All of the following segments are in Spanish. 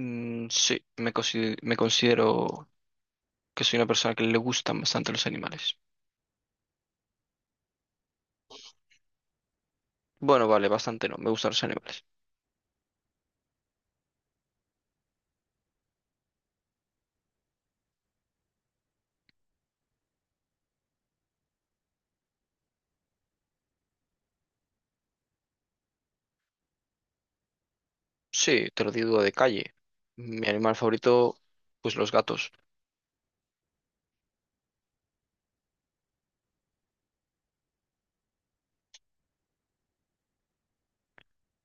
Mm, sí, me considero que soy una persona que le gustan bastante los animales. Bueno, vale, bastante no, me gustan los animales. Sí, te lo digo de calle. Mi animal favorito, pues los gatos.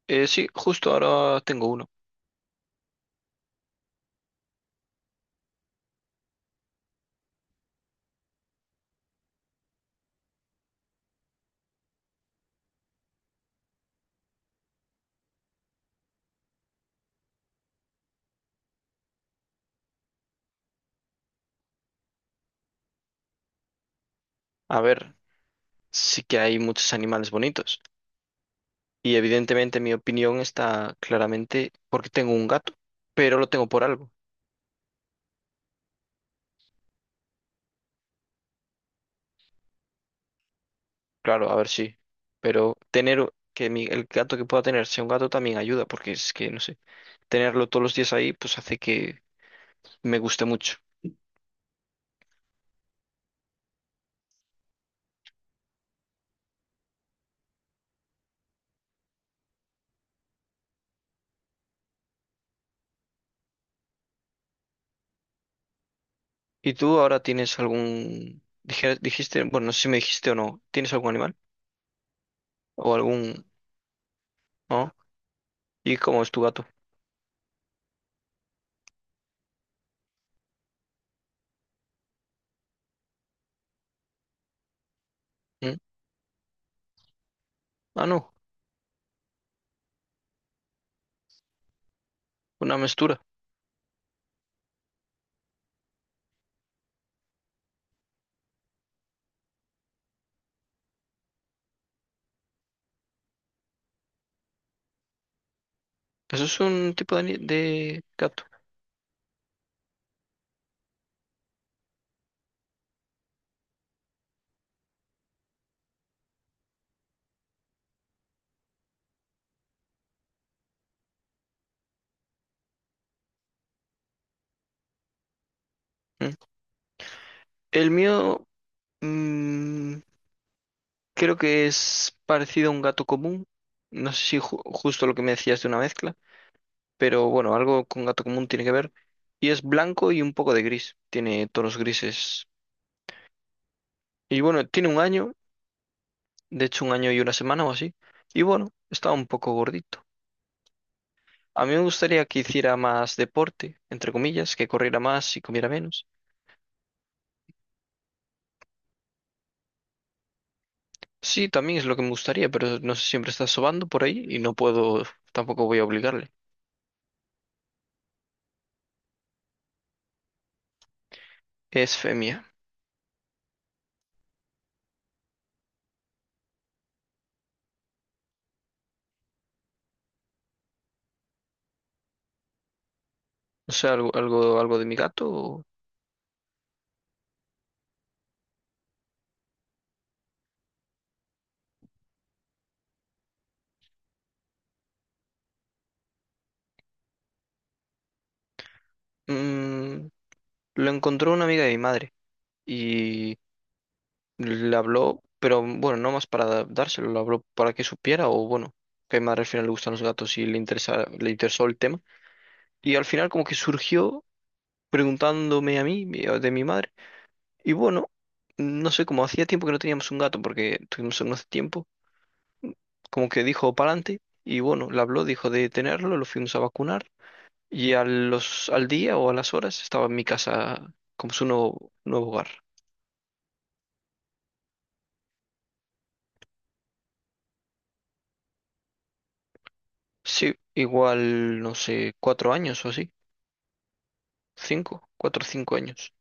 Sí, justo ahora tengo uno. A ver, sí que hay muchos animales bonitos. Y evidentemente mi opinión está claramente porque tengo un gato, pero lo tengo por algo. Claro, a ver, sí. Pero tener que el gato que pueda tener sea un gato también ayuda, porque es que, no sé, tenerlo todos los días ahí, pues hace que me gusta mucho. ¿Y tú ahora tienes algún, dijiste, bueno, no sé si me dijiste o no, ¿tienes algún animal? ¿O algún, no? ¿Y cómo es tu gato? ¿Mm? Ah, no, una mestura. Eso es un tipo de gato. ¿Mm? El mío mm, creo que es parecido a un gato común. No sé si justo lo que me decías de una mezcla, pero bueno, algo con gato común tiene que ver. Y es blanco y un poco de gris. Tiene tonos grises. Y bueno, tiene un año. De hecho un año y una semana o así. Y bueno, estaba un poco gordito. A mí me gustaría que hiciera más deporte, entre comillas, que corriera más y comiera menos. Sí, también es lo que me gustaría, pero no sé, siempre está sobando por ahí y no puedo, tampoco voy a obligarle. Es femia. O sea, algo de mi gato. Mm, lo encontró una amiga de mi madre y le habló, pero bueno, no más para dárselo, lo habló para que supiera o bueno, que a mi madre al final le gustan los gatos y le interesó el tema. Y al final como que surgió preguntándome a mí, de mi madre. Y bueno, no sé, como hacía tiempo que no teníamos un gato porque tuvimos uno hace tiempo, como que dijo para adelante y bueno, le habló, dijo de tenerlo, lo fuimos a vacunar y al día o a las horas estaba en mi casa como su nuevo hogar. Sí, igual, no sé, 4 años o así, cinco, 4 o 5 años.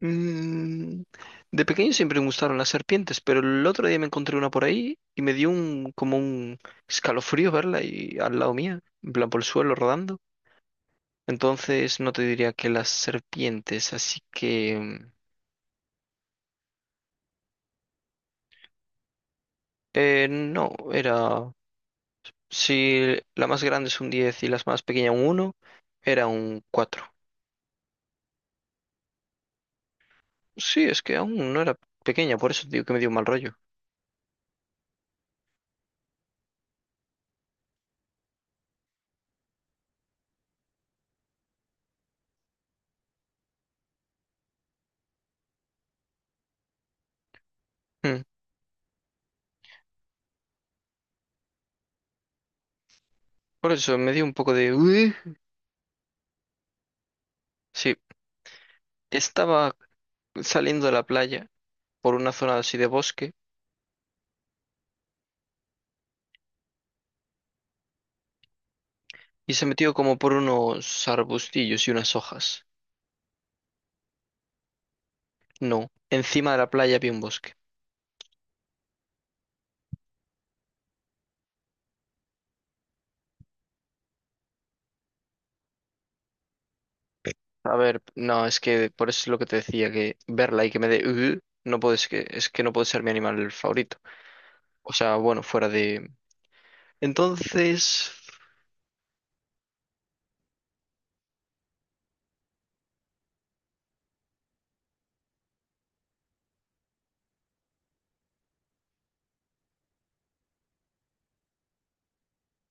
Mm, de pequeño siempre me gustaron las serpientes, pero el otro día me encontré una por ahí y me dio un como un escalofrío verla y al lado mía, en plan por el suelo rodando. Entonces no te diría que las serpientes, así que no, era, si la más grande es un 10 y las más pequeña un 1, era un 4. Sí, es que aún no era pequeña, por eso te digo que me dio un mal rollo. Mm, Por eso me dio un poco de "Ueh". Sí, estaba saliendo de la playa por una zona así de bosque y se metió como por unos arbustillos y unas hojas. No, encima de la playa había un bosque. A ver, no, es que por eso es lo que te decía, que verla y que me dé "Ugh", no puedes, que es que no puede ser mi animal favorito. O sea, bueno, fuera de... Entonces,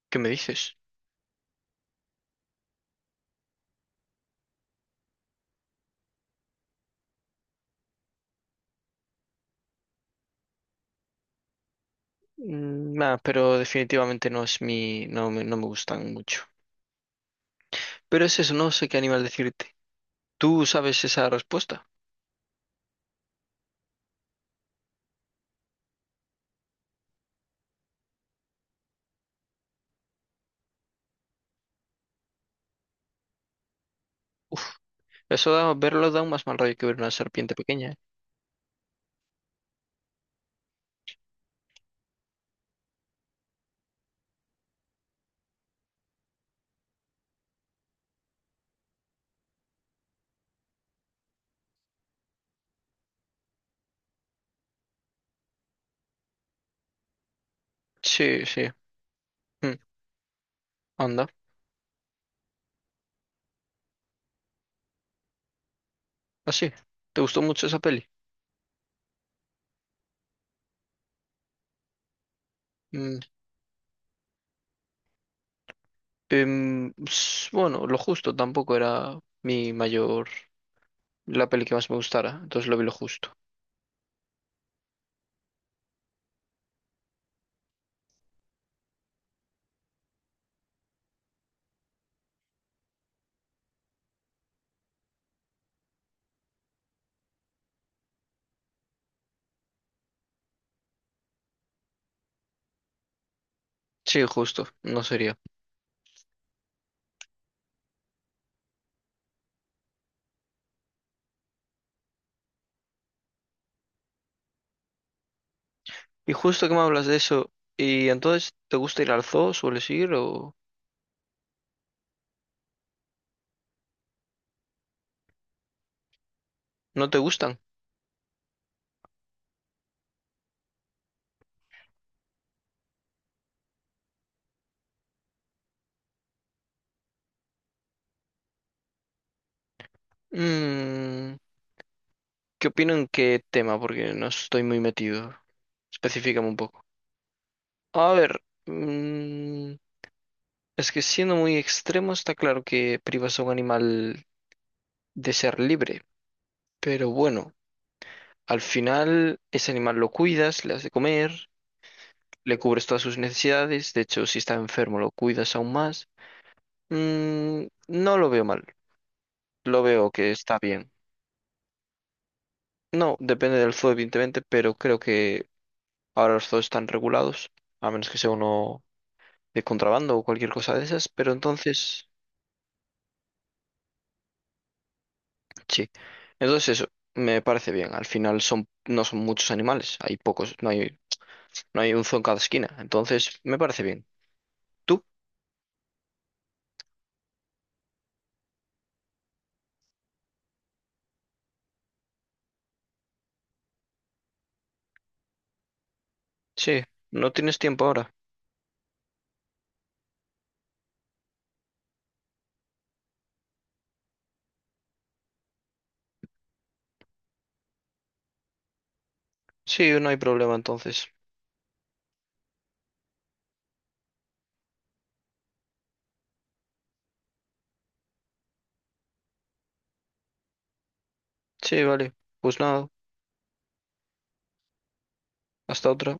¿qué me dices? Nada, pero definitivamente no es mi. No me gustan mucho. Pero es eso, no sé qué animal decirte. ¿Tú sabes esa respuesta? Uf, eso da, verlo da un más mal rollo que ver una serpiente pequeña. ¿Eh? Sí, sí, Mm, anda, así. ¿Te gustó mucho esa peli? Mm, bueno, lo justo, tampoco era mi mayor, la peli que más me gustara, entonces lo vi lo justo. Sí, justo, no sería. Y justo que me hablas de eso, ¿y entonces te gusta ir al zoo, sueles ir o no te gustan? Mm, ¿Qué opino en qué tema? Porque no estoy muy metido. Específicame un poco. A ver, es que siendo muy extremo está claro que privas a un animal de ser libre. Pero bueno, al final ese animal lo cuidas, le has de comer, le cubres todas sus necesidades, de hecho si está enfermo lo cuidas aún más. No lo veo mal, lo veo que está bien. No, depende del zoo evidentemente, pero creo que ahora los zoos están regulados, a menos que sea uno de contrabando o cualquier cosa de esas, pero entonces, sí. Entonces eso, me parece bien, al final son, no son muchos animales, hay pocos, no hay un zoo en cada esquina, entonces me parece bien. ¿Tú? Sí, no tienes tiempo ahora. Sí, no hay problema entonces. Sí, vale. Pues nada, hasta otra.